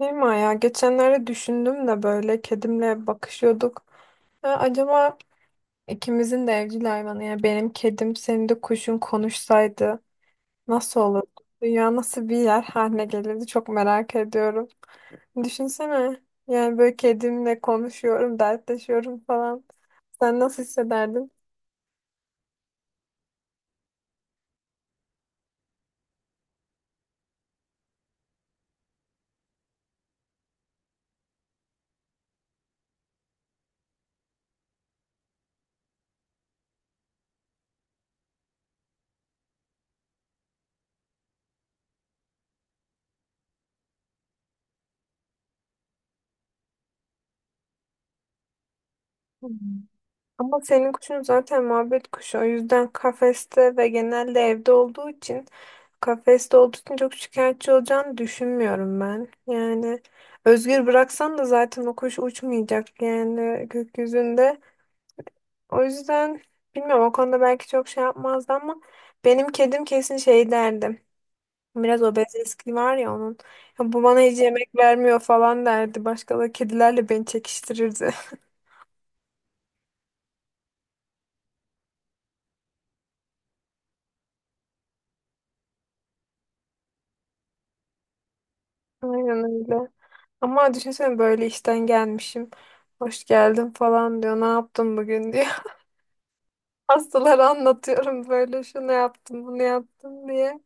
Değil mi ya? Geçenlerde düşündüm de böyle kedimle bakışıyorduk. Ha, acaba ikimizin de evcil hayvanı, yani benim kedim senin de kuşun konuşsaydı nasıl olurdu? Dünya nasıl bir yer haline gelirdi, çok merak ediyorum. Düşünsene, yani böyle kedimle konuşuyorum, dertleşiyorum falan. Sen nasıl hissederdin? Ama senin kuşun zaten muhabbet kuşu. O yüzden kafeste ve genelde evde olduğu için kafeste olduğu için çok şikayetçi olacağını düşünmüyorum ben. Yani özgür bıraksan da zaten o kuş uçmayacak yani gökyüzünde. O yüzden bilmiyorum, o konuda belki çok şey yapmazdı ama benim kedim kesin şey derdi. Biraz obez eski var ya onun. Ya bu bana hiç yemek vermiyor falan derdi. Başka da kedilerle beni çekiştirirdi. Aynen öyle. Ama düşünsene böyle işten gelmişim. Hoş geldin falan diyor. Ne yaptın bugün diyor. Hastalara anlatıyorum böyle şunu yaptım bunu yaptım diye.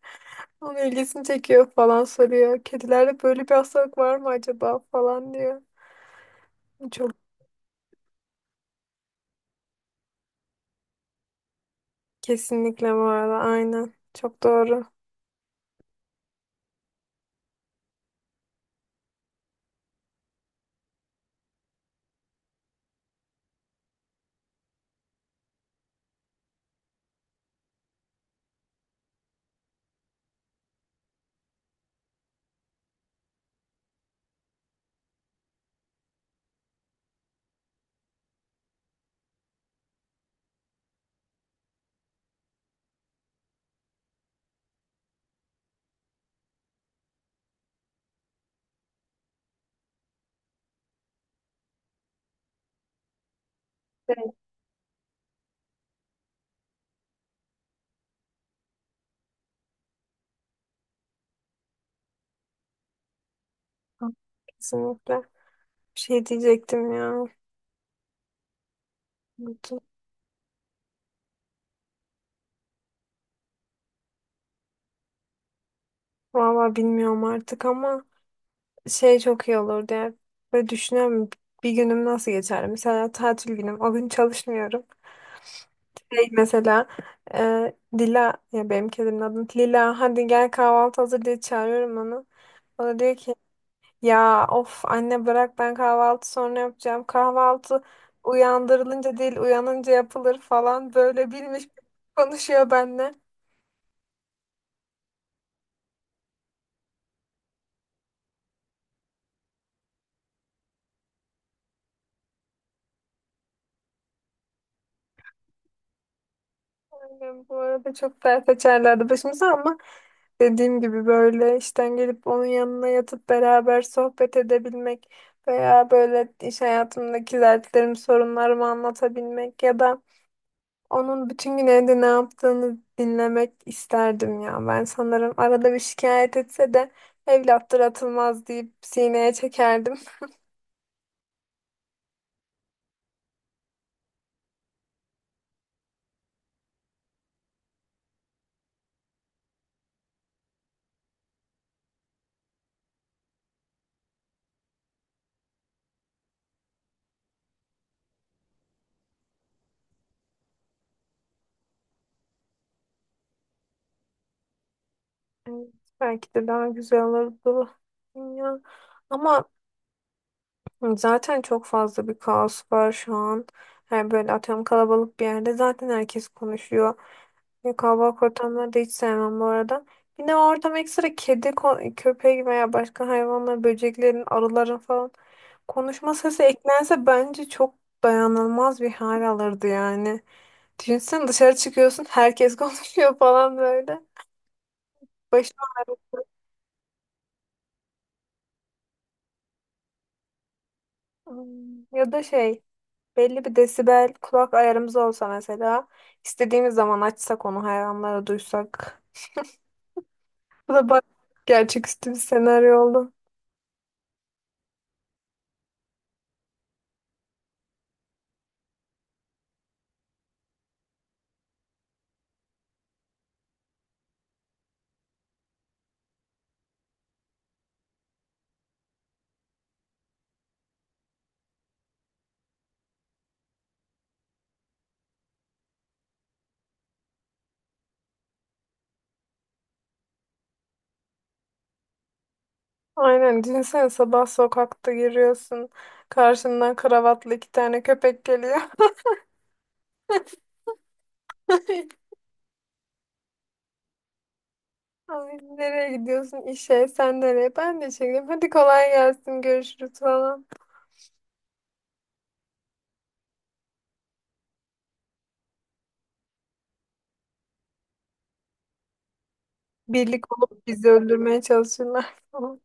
Onun ilgisini çekiyor falan, soruyor. Kedilerde böyle bir hastalık var mı acaba falan diyor. Çok kesinlikle bu arada, aynen. Çok doğru. Evet. Kesinlikle. Bir şey diyecektim ya. Unuttum. Vallahi bilmiyorum artık ama. Şey çok iyi olurdu ya. Böyle düşünüyorum, bir günüm nasıl geçer. Mesela tatil günüm. O gün çalışmıyorum. Şey mesela Dila, ya benim kedimin adı Lila, hadi gel kahvaltı hazır diye çağırıyorum onu. O da diyor ki ya of anne bırak ben kahvaltı sonra yapacağım. Kahvaltı uyandırılınca değil, uyanınca yapılır falan, böyle bilmiş gibi konuşuyor benimle. Aynen, bu arada çok dert açarlardı başımıza ama dediğim gibi böyle işten gelip onun yanına yatıp beraber sohbet edebilmek veya böyle iş hayatımdaki dertlerimi, sorunlarımı anlatabilmek ya da onun bütün gün evde ne yaptığını dinlemek isterdim ya. Ben sanırım arada bir şikayet etse de evlattır atılmaz deyip sineye çekerdim. Evet, belki de daha güzel olurdu. Ya. Ama zaten çok fazla bir kaos var şu an. Her böyle atıyorum, kalabalık bir yerde zaten herkes konuşuyor. Ve kalabalık ortamları da hiç sevmem bu arada. Bir de o ortam ekstra kedi, köpek veya başka hayvanlar, böceklerin, arıların falan konuşma sesi eklense bence çok dayanılmaz bir hal alırdı yani. Düşünsene, dışarı çıkıyorsun, herkes konuşuyor falan böyle. Başım ağrıyor. Hmm, ya da şey, belli bir desibel kulak ayarımız olsa mesela, istediğimiz zaman açsak onu, hayvanlara duysak. Bu da bak gerçeküstü bir senaryo oldu. Aynen, düşünsene sabah sokakta yürüyorsun, karşından kravatlı iki tane köpek geliyor. Ay, nereye gidiyorsun, işe, sen nereye, ben de işe gidiyorum, hadi kolay gelsin, görüşürüz falan. Birlik olup bizi öldürmeye çalışırlar falan.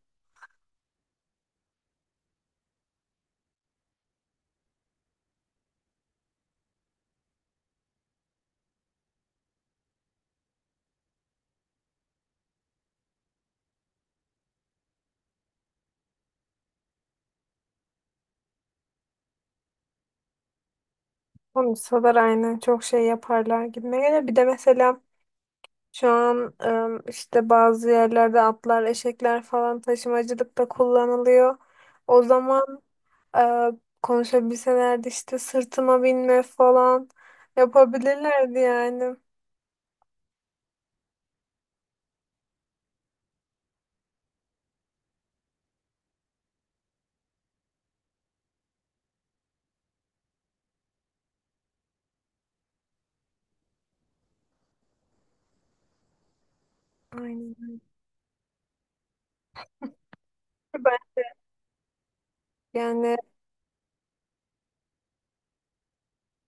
Konuşsalar aynen çok şey yaparlar gibi. Bir de mesela şu an işte bazı yerlerde atlar, eşekler falan taşımacılıkta kullanılıyor. O zaman e, konuşabilselerdi işte sırtıma binme falan yapabilirlerdi yani. Aynen. Ben, yani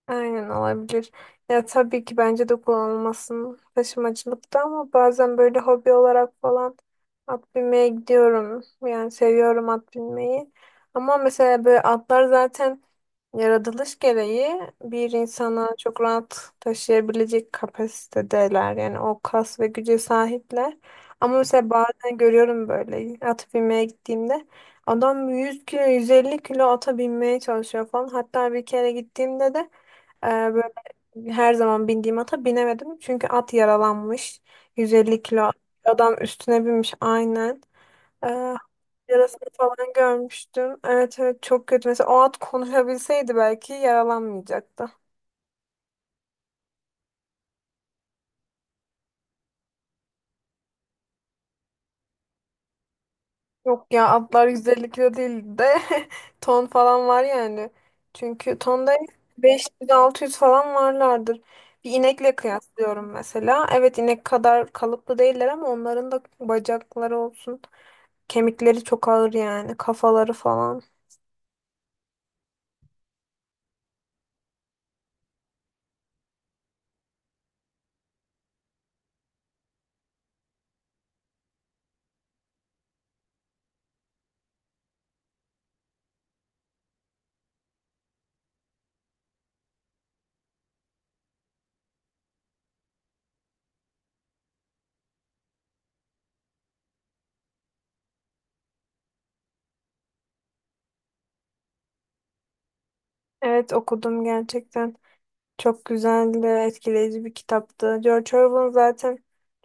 aynen olabilir. Ya tabii ki bence de kullanılmasın taşımacılıkta ama bazen böyle hobi olarak falan at binmeye gidiyorum. Yani seviyorum at binmeyi. Ama mesela böyle atlar zaten yaratılış gereği bir insana çok rahat taşıyabilecek kapasitedeler. Yani o kas ve güce sahipler. Ama mesela bazen görüyorum böyle at binmeye gittiğimde adam 100 kilo 150 kilo ata binmeye çalışıyor falan. Hatta bir kere gittiğimde de böyle her zaman bindiğim ata binemedim. Çünkü at yaralanmış. 150 kilo adam üstüne binmiş aynen. Ee, yarasını falan görmüştüm. Evet evet, çok kötü. Mesela o at konuşabilseydi belki yaralanmayacaktı. Yok ya, atlar 150 kilo değil de ton falan var yani. Çünkü tonda 500-600 falan varlardır. Bir inekle kıyaslıyorum mesela. Evet, inek kadar kalıplı değiller ama onların da bacakları olsun. Kemikleri çok ağır, yani kafaları falan. Evet okudum gerçekten. Çok güzel ve etkileyici bir kitaptı. George Orwell'ın zaten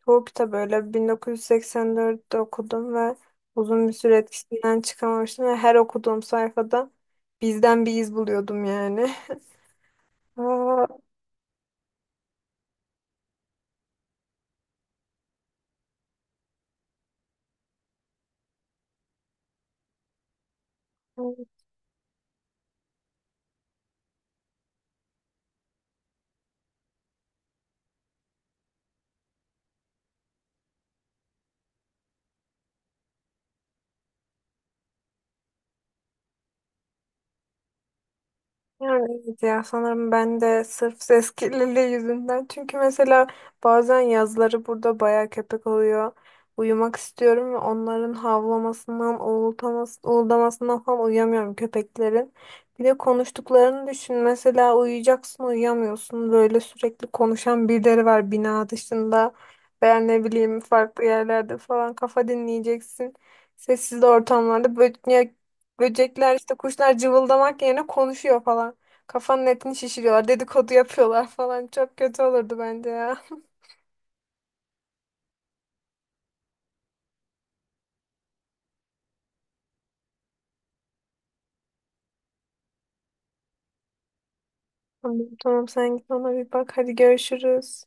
çoğu kitabı öyle. 1984'te okudum ve uzun bir süre etkisinden çıkamamıştım ve her okuduğum sayfada bizden bir iz buluyordum yani. Aa, yani evet ya, sanırım ben de sırf ses kirliliği yüzünden. Çünkü mesela bazen yazları burada bayağı köpek oluyor. Uyumak istiyorum ve onların havlamasından, uğuldamasından falan uyuyamıyorum köpeklerin. Bir de konuştuklarını düşün. Mesela uyuyacaksın, uyuyamıyorsun. Böyle sürekli konuşan birileri var bina dışında. Veya ne bileyim farklı yerlerde falan kafa dinleyeceksin. Sessiz ortamlarda böyle böcekler, işte kuşlar cıvıldamak yerine konuşuyor falan. Kafanın etini şişiriyorlar. Dedikodu yapıyorlar falan. Çok kötü olurdu bence ya. Tamam, tamam, sen git ona bir bak. Hadi görüşürüz.